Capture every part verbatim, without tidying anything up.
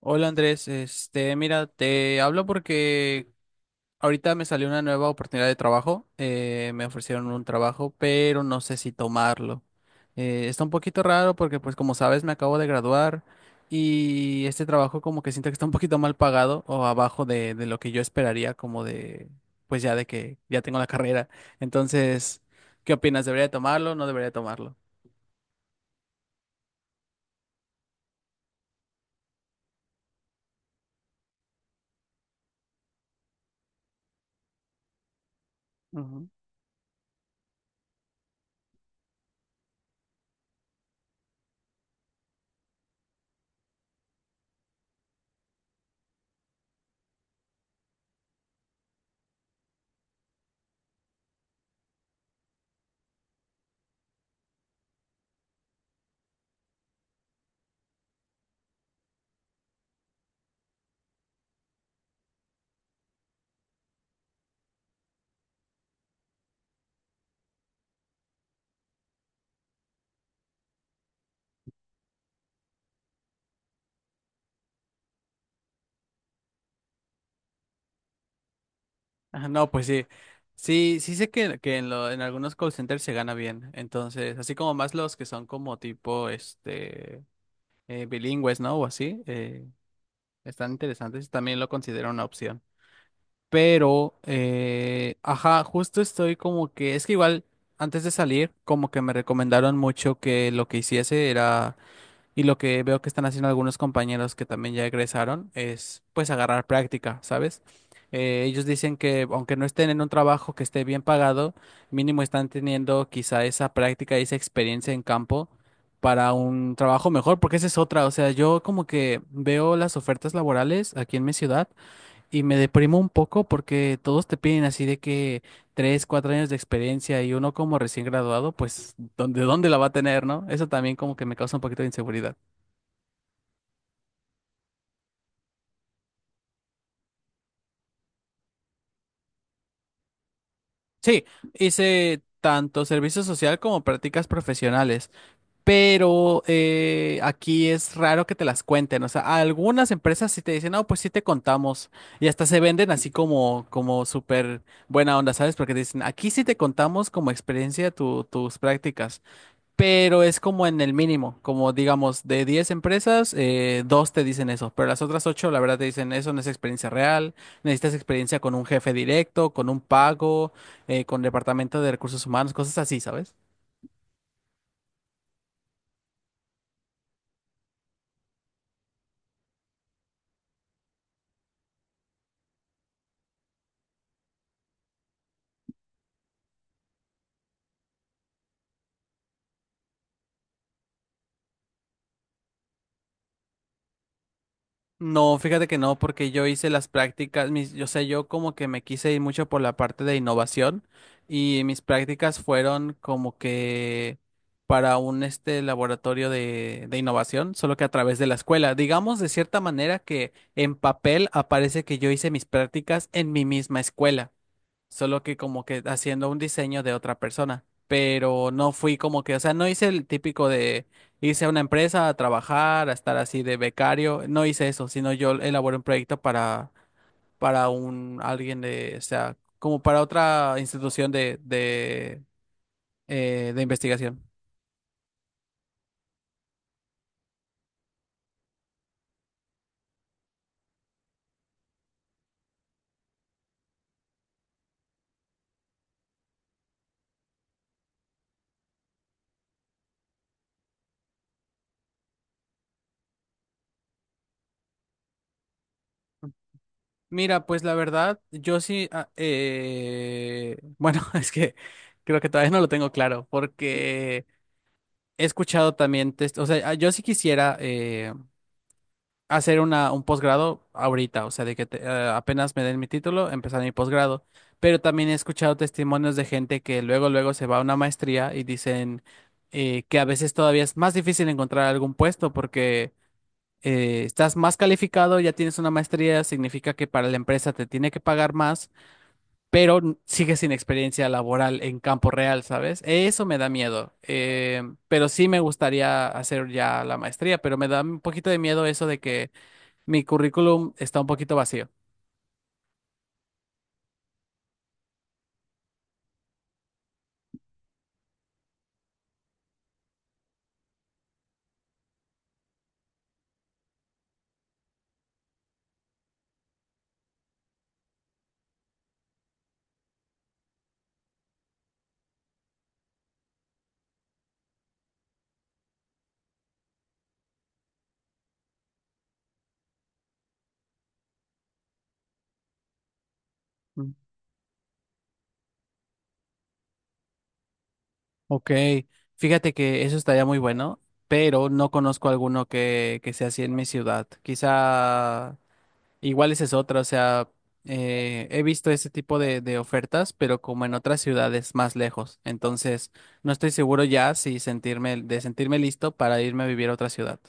Hola Andrés, este, mira, te hablo porque ahorita me salió una nueva oportunidad de trabajo. Eh, me ofrecieron un trabajo, pero no sé si tomarlo. Eh, está un poquito raro porque, pues, como sabes, me acabo de graduar y este trabajo como que siento que está un poquito mal pagado o abajo de, de lo que yo esperaría, como de, pues ya de que ya tengo la carrera. Entonces, ¿qué opinas? ¿Debería de tomarlo o no debería de tomarlo? Ajá. No, pues sí. Sí, sí sé que, que en, lo- en algunos call centers se gana bien. Entonces, así como más los que son como tipo este eh, bilingües, ¿no? O así, eh, están interesantes. También lo considero una opción. Pero, eh, ajá, justo estoy como que, es que igual antes de salir, como que me recomendaron mucho que lo que hiciese era y lo que veo que están haciendo algunos compañeros que también ya egresaron es pues agarrar práctica, ¿sabes? Eh, ellos dicen que aunque no estén en un trabajo que esté bien pagado, mínimo están teniendo quizá esa práctica y esa experiencia en campo para un trabajo mejor, porque esa es otra. O sea, yo como que veo las ofertas laborales aquí en mi ciudad y me deprimo un poco porque todos te piden así de que tres, cuatro años de experiencia y uno como recién graduado, pues, ¿dónde, dónde la va a tener, no? Eso también como que me causa un poquito de inseguridad. Sí, hice tanto servicio social como prácticas profesionales, pero eh, aquí es raro que te las cuenten. O sea, algunas empresas sí te dicen, no, pues sí te contamos. Y hasta se venden así como, como súper buena onda, ¿sabes? Porque te dicen, aquí sí te contamos como experiencia tu- tus prácticas, pero es como en el mínimo, como digamos, de diez empresas, eh, dos te dicen eso, pero las otras ocho, la verdad, te dicen eso no es experiencia real, necesitas experiencia con un jefe directo, con un pago, eh, con departamento de recursos humanos, cosas así, ¿sabes? No, fíjate que no, porque yo hice las prácticas, mis, yo sé, yo como que me quise ir mucho por la parte de innovación y mis prácticas fueron como que para un este laboratorio de, de innovación, solo que a través de la escuela. Digamos de cierta manera que en papel aparece que yo hice mis prácticas en mi misma escuela solo que como que haciendo un diseño de otra persona. Pero no fui como que, o sea, no hice el típico de irse a una empresa a trabajar, a estar así de becario. No hice eso, sino yo elaboré un proyecto para, para un alguien de, o sea, como para otra institución de, de, eh, de investigación. Mira, pues la verdad, yo sí, ah, eh, bueno, es que creo que todavía no lo tengo claro, porque he escuchado también, test- o sea, ah, yo sí quisiera eh, hacer una, un posgrado ahorita, o sea, de que te- eh, apenas me den mi título, empezar mi posgrado. Pero también he escuchado testimonios de gente que luego, luego se va a una maestría y dicen eh, que a veces todavía es más difícil encontrar algún puesto porque eh, estás más calificado, ya tienes una maestría, significa que para la empresa te tiene que pagar más, pero n- sigues sin experiencia laboral en campo real, ¿sabes? Eso me da miedo. Eh, pero sí me gustaría hacer ya la maestría, pero me da un poquito de miedo eso de que mi currículum está un poquito vacío. Mm. Ok, fíjate que eso estaría muy bueno, pero no conozco alguno que, que sea así en mi ciudad. Quizá igual esa es otra, o sea, eh, he visto ese tipo de, de ofertas, pero como en otras ciudades más lejos. Entonces, no estoy seguro ya si sentirme, de sentirme listo para irme a vivir a otra ciudad,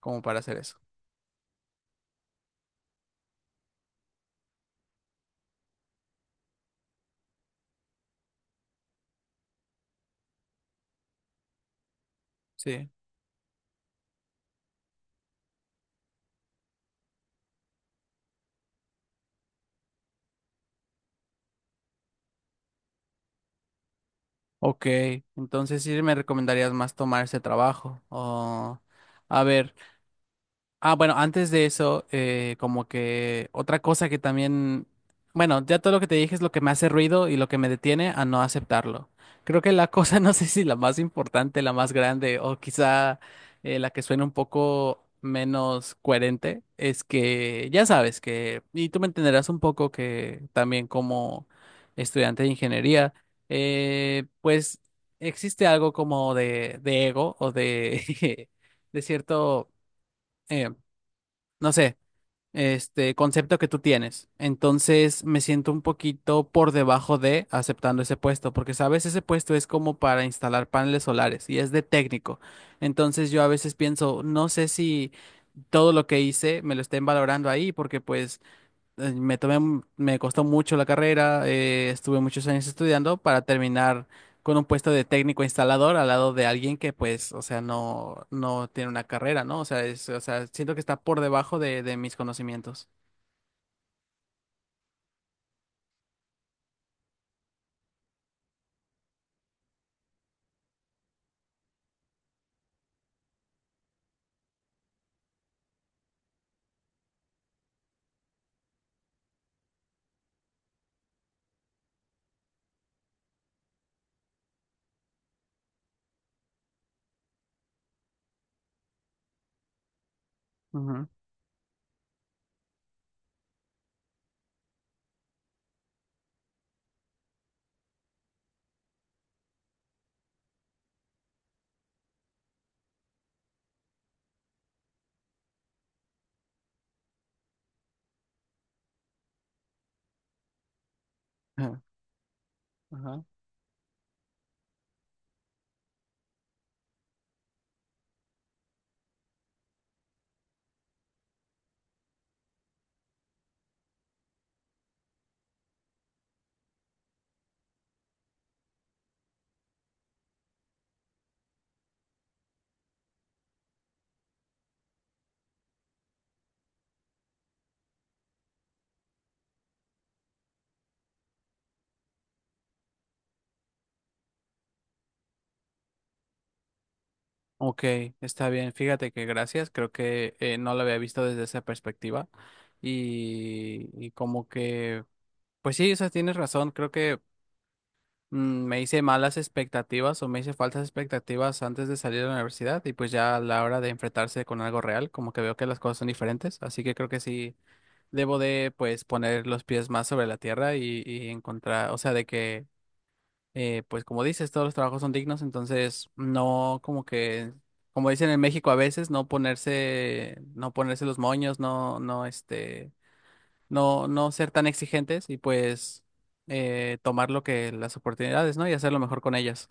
como para hacer eso. Sí. Ok, entonces sí me recomendarías más tomar ese trabajo. O, a ver. Ah, bueno, antes de eso, eh, como que otra cosa que también, bueno, ya todo lo que te dije es lo que me hace ruido y lo que me detiene a no aceptarlo. Creo que la cosa, no sé si la más importante, la más grande o quizá eh, la que suena un poco menos coherente, es que ya sabes que, y tú me entenderás un poco que también como estudiante de ingeniería, eh, pues existe algo como de, de ego o de, de cierto... em, no sé, este concepto que tú tienes. Entonces me siento un poquito por debajo de aceptando ese puesto, porque sabes, ese puesto es como para instalar paneles solares y es de técnico. Entonces yo a veces pienso, no sé si todo lo que hice me lo estén valorando ahí, porque pues eh, me tomé, m- me costó mucho la carrera, eh, estuve muchos años estudiando para terminar con un puesto de técnico instalador al lado de alguien que pues, o sea, no, no tiene una carrera, ¿no? O sea, es, o sea, siento que está por debajo de, de mis conocimientos. Ujú, ajá, ajá. Ok, está bien, fíjate que gracias, creo que eh, no lo había visto desde esa perspectiva y, y como que, pues sí, o sea, tienes razón, creo que mm, me hice malas expectativas o me hice falsas expectativas antes de salir de la universidad y pues ya a la hora de enfrentarse con algo real, como que veo que las cosas son diferentes, así que creo que sí debo de pues poner los pies más sobre la tierra y, y encontrar, o sea, de que eh, pues como dices, todos los trabajos son dignos, entonces no como que, como dicen en México a veces, no ponerse, no ponerse los moños, no, no este no, no ser tan exigentes y pues eh, tomar lo que las oportunidades, ¿no? Y hacerlo mejor con ellas.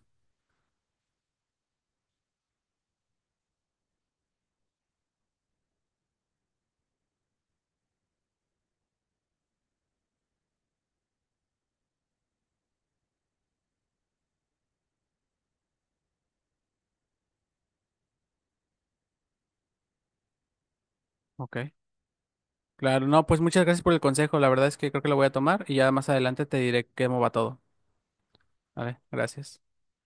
Ok. Claro, no, pues muchas gracias por el consejo. La verdad es que creo que lo voy a tomar y ya más adelante te diré cómo va todo. Vale, gracias.